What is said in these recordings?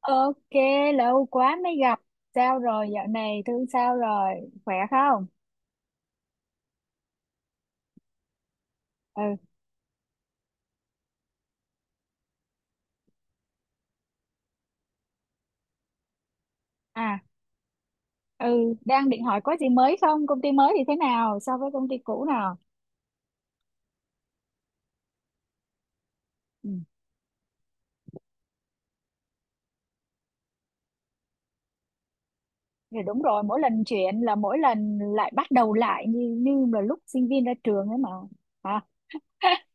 Ok, lâu quá mới gặp. Sao rồi, dạo này thương sao rồi, khỏe không? Ừ, à, ừ, đang định hỏi có gì mới không? Công ty mới thì thế nào so với công ty cũ nào? Ừ. Thì đúng rồi, mỗi lần chuyện là mỗi lần lại bắt đầu lại như như là lúc sinh viên ra trường ấy mà. Hả?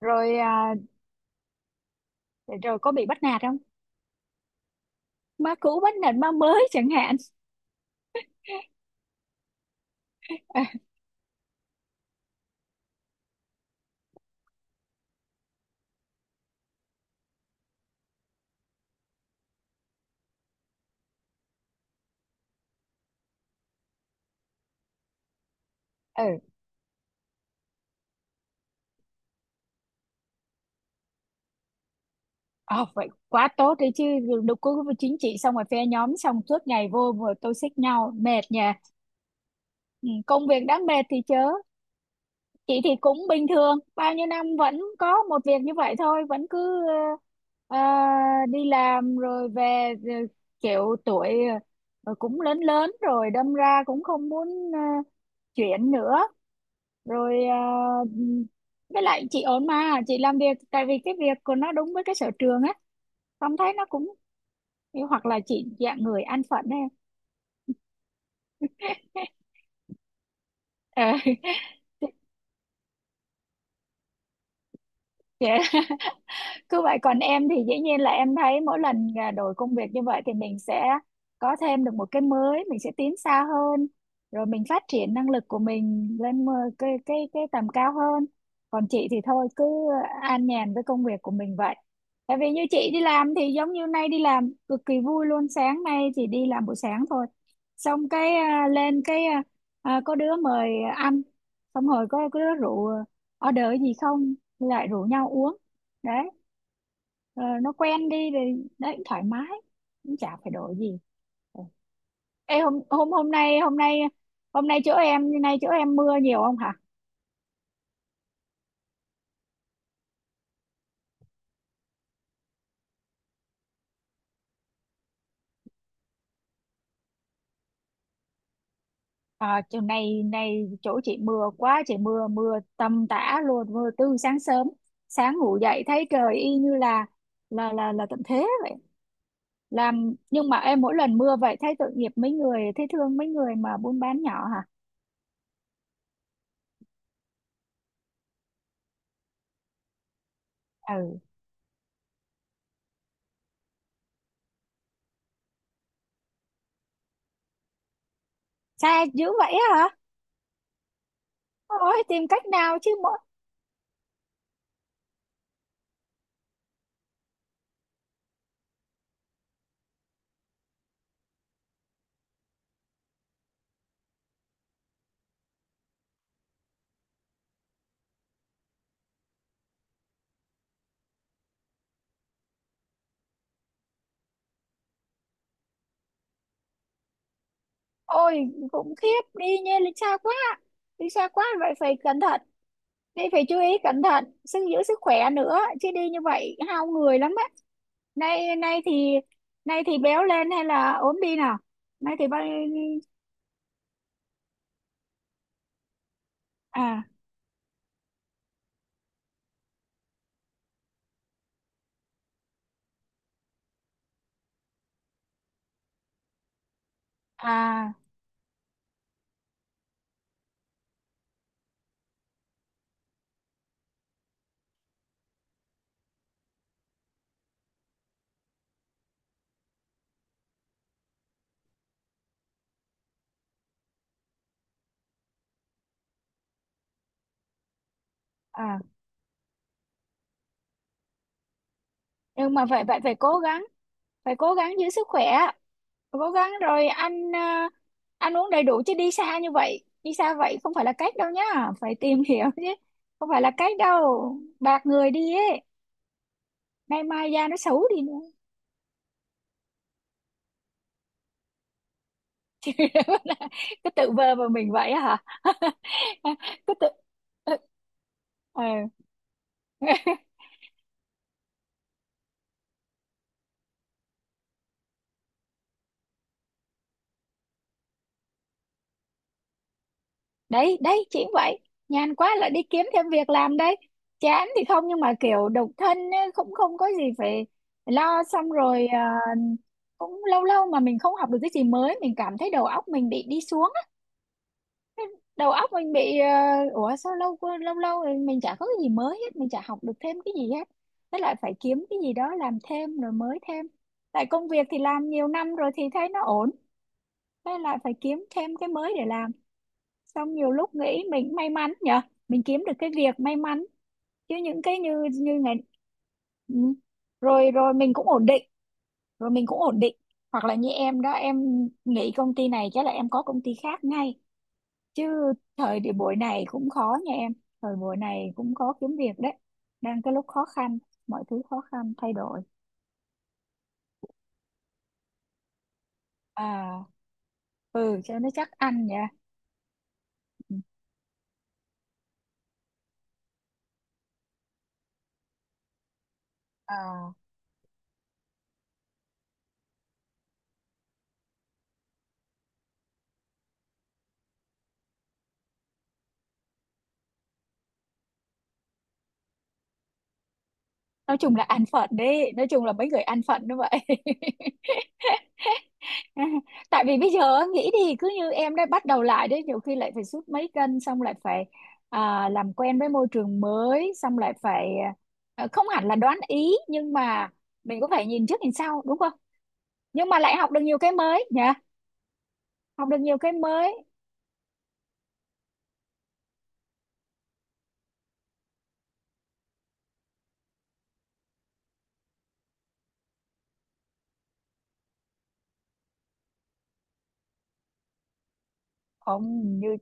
Rồi à, rồi có bị bắt nạt không? Má cũ bắt nạt má mới chẳng hạn. Ừ, ờ, vậy quá tốt đấy chứ, đục cứ chính trị xong rồi phe nhóm xong suốt ngày vô vừa toxic nhau, mệt nhỉ. Ừ, công việc đã mệt thì chớ chị thì cũng bình thường, bao nhiêu năm vẫn có một việc như vậy thôi vẫn cứ ờ, ờ, đi làm rồi về rồi, kiểu tuổi cũng lớn lớn rồi đâm ra cũng không muốn ờ, chuyển nữa rồi với lại chị ổn mà, chị làm việc tại vì cái việc của nó đúng với cái sở trường á, không thấy nó cũng, hoặc là chị dạng người an phận ấy. Ờ. Chị cứ vậy, còn em thì dĩ nhiên là em thấy mỗi lần à, đổi công việc như vậy thì mình sẽ có thêm được một cái mới, mình sẽ tiến xa hơn, rồi mình phát triển năng lực của mình lên một cái tầm cao hơn. Còn chị thì thôi cứ an nhàn với công việc của mình vậy, tại vì như chị đi làm thì giống như nay đi làm cực kỳ vui luôn, sáng nay chỉ đi làm buổi sáng thôi, xong cái à, lên cái à, à, có đứa mời ăn, xong rồi có đứa rượu order gì không lại rủ nhau uống đấy. Ờ, nó quen đi thì đấy thoải mái, cũng chả phải đổi gì. Ừ. Ê, hôm hôm hôm nay hôm nay hôm nay chỗ em mưa nhiều không hả? À, chỗ này này chỗ chị mưa quá, chị mưa mưa tầm tã luôn, mưa từ sáng sớm. Sáng ngủ dậy thấy trời y như là là tận thế vậy. Làm nhưng mà em mỗi lần mưa vậy thấy tội nghiệp mấy người, thấy thương mấy người mà buôn bán nhỏ hả. Ừ, xa dữ vậy hả, ôi tìm cách nào chứ. Ôi khủng khiếp, đi nha, đi xa quá, đi xa quá vậy phải cẩn thận, đi phải chú ý cẩn thận sức, giữ sức khỏe nữa chứ đi như vậy hao người lắm á. Nay nay thì, nay thì béo lên hay là ốm đi nào? Nay thì bao. À, à, à, nhưng mà vậy vậy phải cố gắng, phải cố gắng giữ sức khỏe, cố gắng rồi ăn à, ăn uống đầy đủ chứ đi xa như vậy, đi xa vậy không phải là cách đâu nhá. Phải tìm hiểu chứ, không phải là cách đâu, bạc người đi ấy, nay mai da nó xấu đi nữa. Cứ tự vờ vào mình vậy hả? Cứ tự. Ừ. Ờ. Đấy đấy chỉ vậy, nhàn quá là đi kiếm thêm việc làm đấy. Chán thì không, nhưng mà kiểu độc thân ấy, cũng không có gì phải lo, xong rồi à, cũng lâu lâu mà mình không học được cái gì mới mình cảm thấy đầu óc mình bị đi xuống, đầu óc mình bị ờ, ủa sao lâu lâu rồi mình chả có cái gì mới hết, mình chả học được thêm cái gì hết. Thế lại phải kiếm cái gì đó làm thêm rồi mới thêm, tại công việc thì làm nhiều năm rồi thì thấy nó ổn, thế lại phải kiếm thêm cái mới để làm. Xong nhiều lúc nghĩ mình cũng may mắn nhở, mình kiếm được cái việc may mắn, chứ những cái như như ngày. Ừ. rồi rồi mình cũng ổn định, rồi mình cũng ổn định. Hoặc là như em đó, em nghỉ công ty này chắc là em có công ty khác ngay, chứ thời điểm buổi này cũng khó nha em, thời buổi này cũng khó kiếm việc đấy, đang cái lúc khó khăn, mọi thứ khó khăn thay đổi. À, ừ, cho nó chắc ăn nha. Ừ. À, nói chung là ăn phận đấy, nói chung là mấy người ăn phận như vậy. Tại vì bây giờ á, nghĩ thì cứ như em đã bắt đầu lại đấy, nhiều khi lại phải sút mấy cân xong lại phải, à, làm quen với môi trường mới xong lại phải, à, không hẳn là đoán ý nhưng mà mình cũng phải nhìn trước nhìn sau đúng không. Nhưng mà lại học được nhiều cái mới nhỉ, học được nhiều cái mới. Ông như,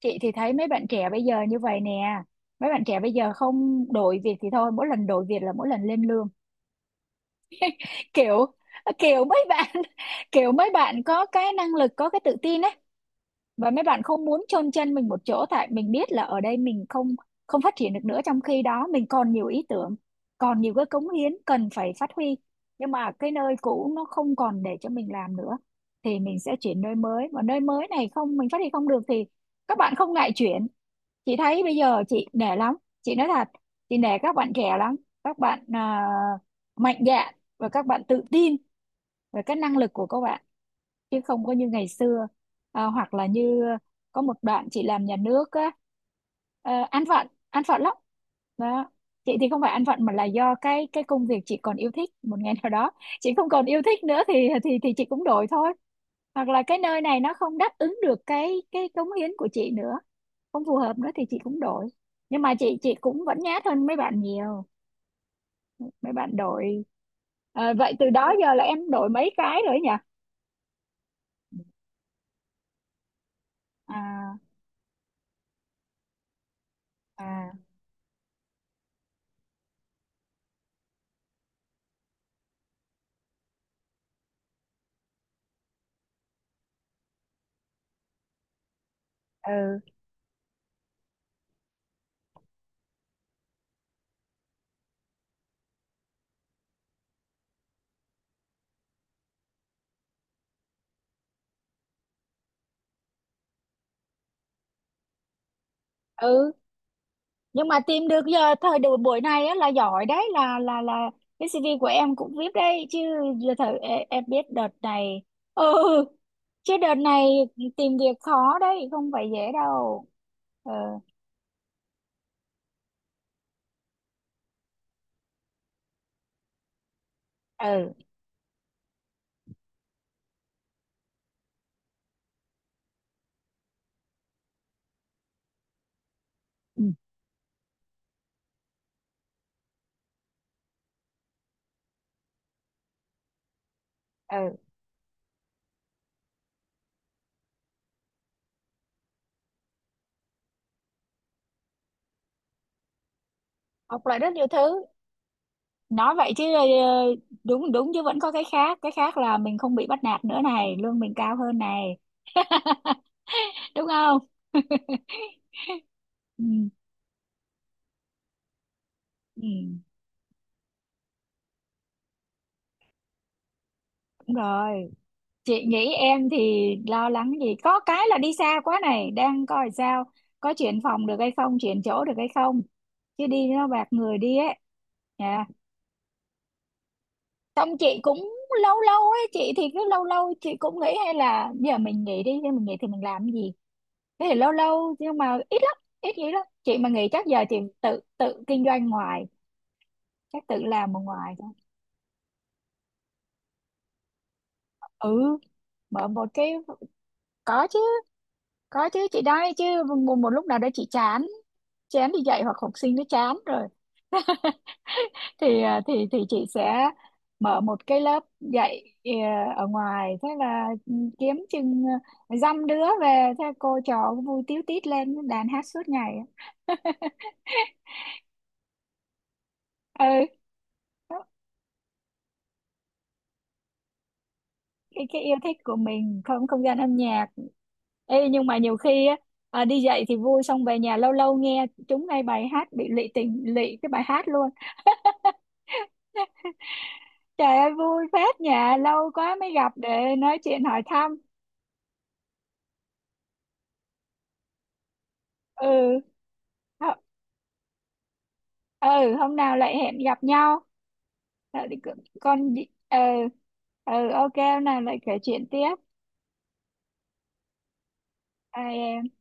chị thì thấy mấy bạn trẻ bây giờ như vậy nè, mấy bạn trẻ bây giờ không đổi việc thì thôi, mỗi lần đổi việc là mỗi lần lên lương. kiểu kiểu mấy bạn, kiểu mấy bạn có cái năng lực có cái tự tin ấy, và mấy bạn không muốn chôn chân mình một chỗ, tại mình biết là ở đây mình không không phát triển được nữa, trong khi đó mình còn nhiều ý tưởng, còn nhiều cái cống hiến cần phải phát huy, nhưng mà cái nơi cũ nó không còn để cho mình làm nữa thì mình sẽ chuyển nơi mới, và nơi mới này không, mình phát triển không được thì các bạn không ngại chuyển. Chị thấy bây giờ chị nể lắm, chị nói thật, chị nể các bạn trẻ lắm, các bạn à, mạnh dạn, và các bạn tự tin về cái năng lực của các bạn, chứ không có như ngày xưa. À, hoặc là như, có một đoạn chị làm nhà nước á, ờ, ăn vận lắm. Đó. Chị thì không phải ăn vận mà là do cái công việc chị còn yêu thích, một ngày nào đó chị không còn yêu thích nữa thì, thì chị cũng đổi thôi. Hoặc là cái nơi này nó không đáp ứng được cái cống hiến của chị nữa, không phù hợp nữa thì chị cũng đổi. Nhưng mà chị cũng vẫn nhát hơn mấy bạn nhiều, mấy bạn đổi. Ờ, vậy từ đó giờ là em đổi mấy cái rồi ấy nhỉ? À, à, ừ, ừ, nhưng mà tìm được giờ thời buổi buổi này á, là giỏi đấy, là là cái CV của em cũng viết đấy chứ, giờ thời em biết đợt này. Ừ, chứ đợt này tìm việc khó đấy, không phải dễ đâu. Ừ, ừ, ừ, ừ. Học lại rất nhiều thứ. Nói vậy chứ ờ, đúng đúng chứ vẫn có cái khác, cái khác là mình không bị bắt nạt nữa này, lương mình cao hơn này, đúng không? Ừ, ừ, đúng rồi. Chị nghĩ em thì lo lắng gì, có cái là đi xa quá này, đang coi sao có chuyển phòng được hay không, chuyển chỗ được hay không, chứ đi nó bạc người đi ấy. Dạ. Xong chị cũng lâu lâu ấy, chị thì cứ lâu lâu chị cũng nghĩ hay là giờ mình nghỉ đi, nhưng mình nghỉ thì mình làm cái gì, thế thì lâu lâu nhưng mà ít lắm, ít nghĩ lắm, chị mà nghỉ chắc giờ chị tự tự kinh doanh ngoài, chắc tự làm ở ngoài thôi. Ừ, mở một cái, có chứ, có chứ chị đây chứ, một lúc nào đó chị chán, chán đi dạy hoặc học sinh nó chán rồi thì à, thì chị sẽ mở một cái lớp dạy à, ở ngoài, thế là ừ, kiếm chừng à, dăm đứa về, thế cô trò cũng vui tíu tít, lên đàn hát suốt ngày. Ừ, cái yêu thích của mình, không, không gian âm nhạc. Ê, nhưng mà nhiều khi á, à, đi dạy thì vui, xong về nhà lâu lâu nghe chúng ngay bài hát bị lụy tình lụy cái bài hát luôn. Trời ơi vui phết, nhà lâu quá mới gặp để nói chuyện hỏi thăm. Ừ, hо- ừ hôm nào lại hẹn gặp nhau. Đợi đi con, con. Ờ ờ ok hôm nào lại kể chuyện tiếp. Ai.